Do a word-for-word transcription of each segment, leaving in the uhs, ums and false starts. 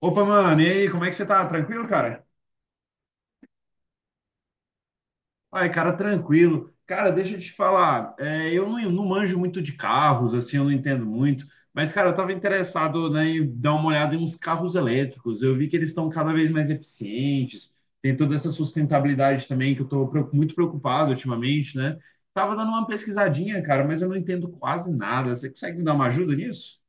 Opa, mano, e aí, como é que você tá? Tranquilo, cara? Ai, cara, tranquilo. Cara, deixa eu te falar, é, eu não, não manjo muito de carros, assim, eu não entendo muito, mas, cara, eu tava interessado, né, em dar uma olhada em uns carros elétricos. Eu vi que eles estão cada vez mais eficientes, tem toda essa sustentabilidade também que eu tô preo- muito preocupado ultimamente, né? Tava dando uma pesquisadinha, cara, mas eu não entendo quase nada. Você consegue me dar uma ajuda nisso?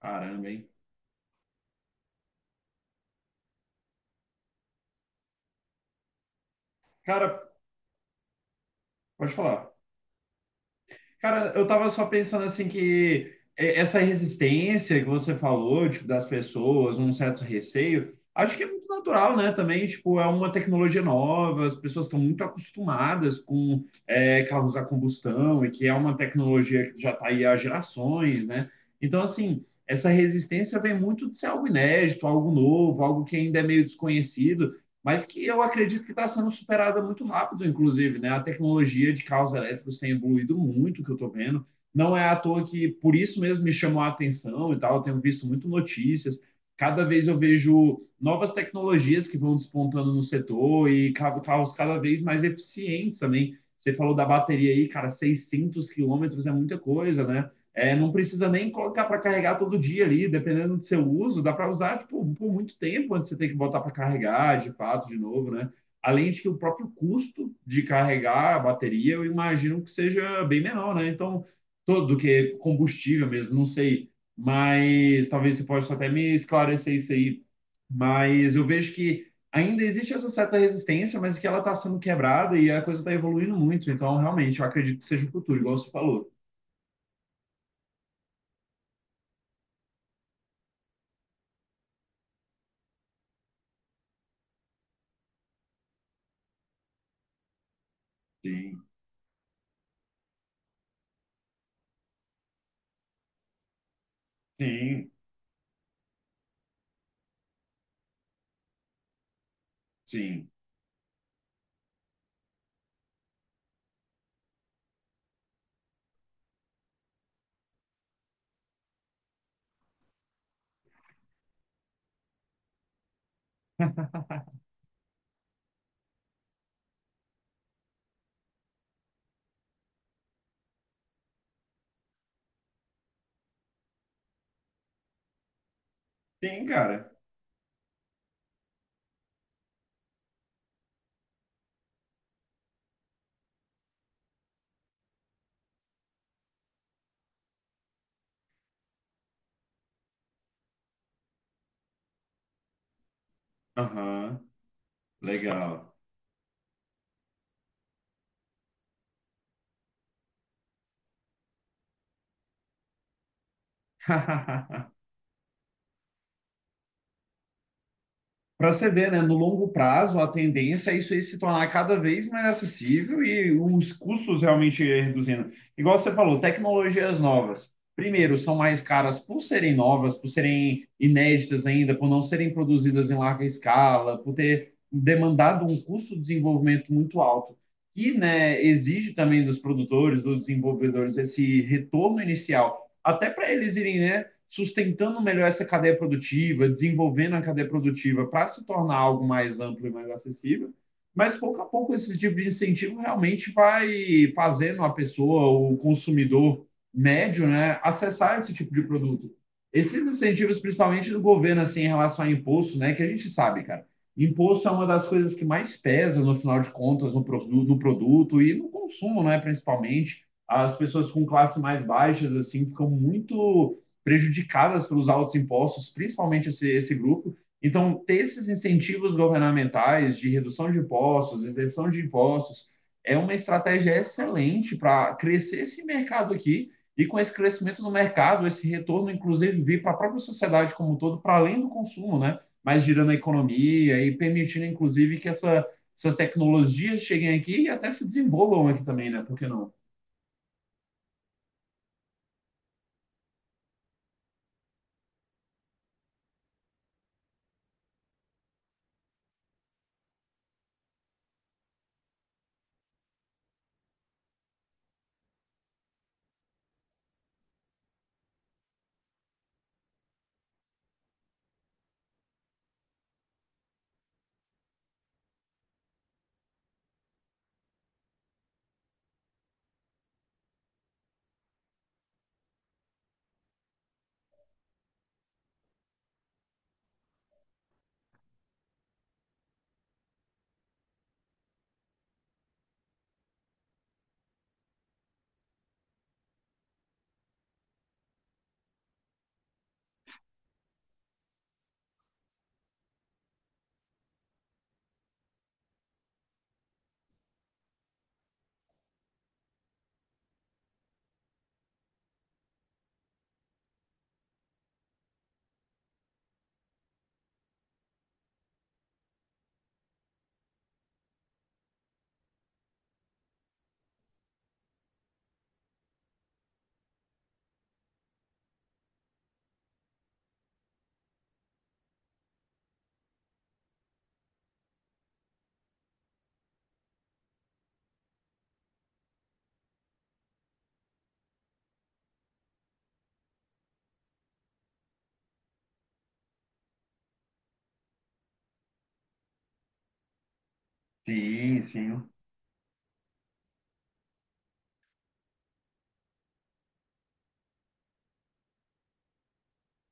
Caramba, hein? Cara, pode falar. Cara, eu tava só pensando assim que é, essa resistência que você falou, tipo, das pessoas, um certo receio, acho que é muito natural, né? Também, tipo, é uma tecnologia nova, as pessoas estão muito acostumadas com é, carros a combustão e que é uma tecnologia que já está aí há gerações, né? Então, assim, essa resistência vem muito de ser algo inédito, algo novo, algo que ainda é meio desconhecido, mas que eu acredito que está sendo superada muito rápido, inclusive, né? A tecnologia de carros elétricos tem evoluído muito, que eu estou vendo. Não é à toa que por isso mesmo me chamou a atenção e tal. Eu tenho visto muito notícias. Cada vez eu vejo novas tecnologias que vão despontando no setor e ca- carros cada vez mais eficientes também. Você falou da bateria aí, cara, seiscentos quilômetros é muita coisa, né? É, não precisa nem colocar para carregar todo dia ali, dependendo do seu uso, dá para usar tipo, por muito tempo antes de você tem que botar para carregar, de fato, de novo, né? Além de que o próprio custo de carregar a bateria, eu imagino que seja bem menor, né? Então, todo do que combustível mesmo, não sei, mas talvez você possa até me esclarecer isso aí. Mas eu vejo que ainda existe essa certa resistência, mas que ela está sendo quebrada e a coisa está evoluindo muito. Então, realmente, eu acredito que seja o futuro, igual você falou. Sim, sim. Sim. Sim, cara. Aham. Legal. Para você ver, né, no longo prazo, a tendência é isso aí se tornar cada vez mais acessível e os custos realmente reduzindo. Igual você falou, tecnologias novas. Primeiro, são mais caras por serem novas, por serem inéditas ainda, por não serem produzidas em larga escala, por ter demandado um custo de desenvolvimento muito alto. E, né, exige também dos produtores, dos desenvolvedores, esse retorno inicial, até para eles irem, né, sustentando melhor essa cadeia produtiva, desenvolvendo a cadeia produtiva para se tornar algo mais amplo e mais acessível. Mas pouco a pouco esse tipo de incentivo realmente vai fazendo a pessoa, o consumidor médio, né, acessar esse tipo de produto. Esses incentivos, principalmente do governo, assim, em relação a imposto, né, que a gente sabe, cara, imposto é uma das coisas que mais pesa no final de contas no, produto, no produto e no consumo, né, principalmente. As pessoas com classe mais baixas, assim, ficam muito prejudicadas pelos altos impostos, principalmente esse, esse grupo. Então, ter esses incentivos governamentais de redução de impostos, isenção de impostos, é uma estratégia excelente para crescer esse mercado aqui e com esse crescimento do mercado, esse retorno, inclusive, vir para a própria sociedade como um todo, para além do consumo, né? Mas girando a economia e permitindo, inclusive, que essa, essas tecnologias cheguem aqui e até se desenvolvam aqui também, né? Por que não? Sim, sim.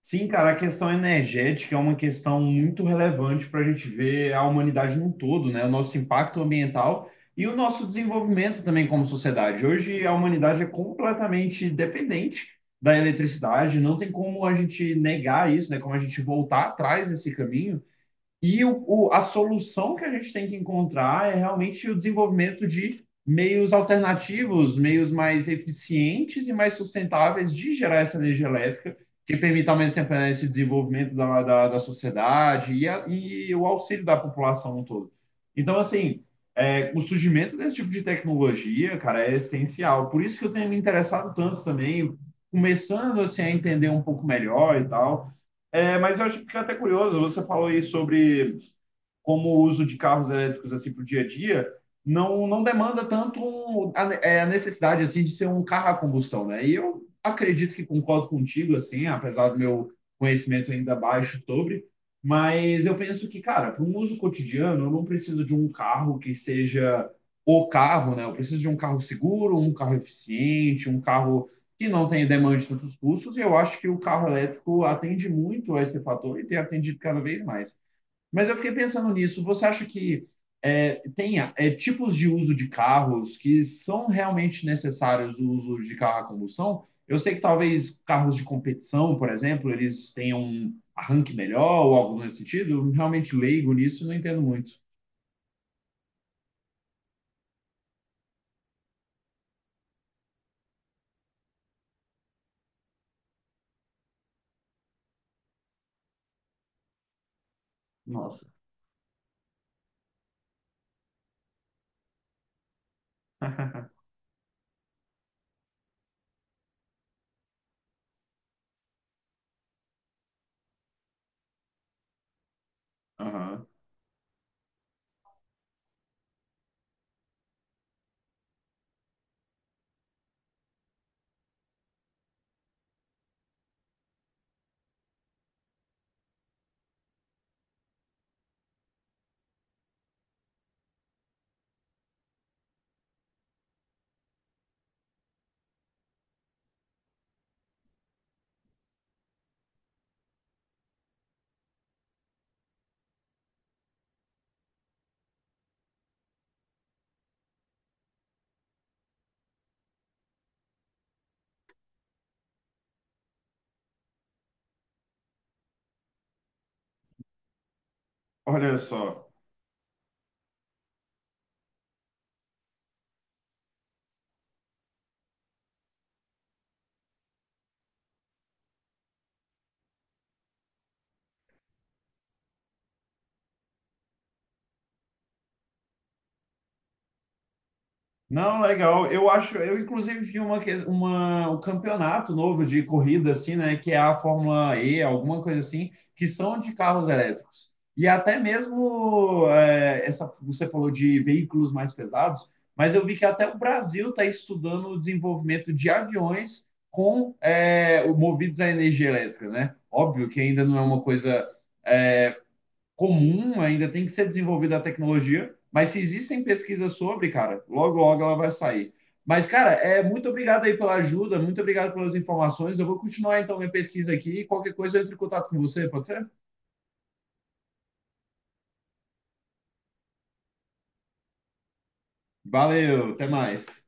Sim, cara, a questão energética é uma questão muito relevante para a gente ver a humanidade num todo, né? O nosso impacto ambiental e o nosso desenvolvimento também como sociedade. Hoje a humanidade é completamente dependente da eletricidade, não tem como a gente negar isso, né? Como a gente voltar atrás nesse caminho. E o, o- a solução que a gente tem que encontrar é realmente o desenvolvimento de meios alternativos, meios mais eficientes e mais sustentáveis de gerar essa energia elétrica, que permita ao mesmo tempo né, esse desenvolvimento da, da, da sociedade e, a- e o auxílio da população todo. Então, assim, é, o surgimento desse tipo de tecnologia, cara, é essencial. Por isso que eu tenho me interessado tanto também, começando assim, a entender um pouco melhor e tal. É, mas eu acho que fica até curioso, você falou aí sobre como o uso de carros elétricos assim para o dia a dia, não, não demanda tanto a, é, a necessidade assim de ser um carro a combustão, né? E eu acredito que concordo contigo assim, apesar do meu conhecimento ainda baixo sobre, mas eu penso que, cara, para um uso cotidiano, eu não preciso de um carro que seja o carro, né? Eu preciso de um carro seguro, um carro eficiente, um carro que não tenha demanda de tantos custos, e eu acho que o carro elétrico atende muito a esse fator e tem atendido cada vez mais. Mas eu fiquei pensando nisso. Você acha que é, tem é, tipos de uso de carros que são realmente necessários o uso de carro a combustão? Eu sei que talvez carros de competição, por exemplo, eles tenham um arranque melhor ou algo nesse sentido. Eu realmente leigo nisso e não entendo muito. Nossa. Aham. Olha só. Não, legal. Eu acho, eu inclusive vi uma, que- uma- um campeonato novo de corrida, assim, né? Que é a Fórmula E, alguma coisa assim, que são de carros elétricos. E até mesmo, é, essa, você falou de veículos mais pesados, mas eu vi que até o Brasil está estudando o desenvolvimento de aviões com, é, o- movidos à energia elétrica, né? Óbvio que ainda não é uma coisa, é, comum, ainda tem que ser desenvolvida a tecnologia, mas se existem pesquisas sobre, cara, logo, logo ela vai sair. Mas, cara, é muito obrigado aí pela ajuda, muito obrigado pelas informações. Eu vou continuar então minha pesquisa aqui. Qualquer coisa eu entro em contato com você, pode ser? Valeu, até mais.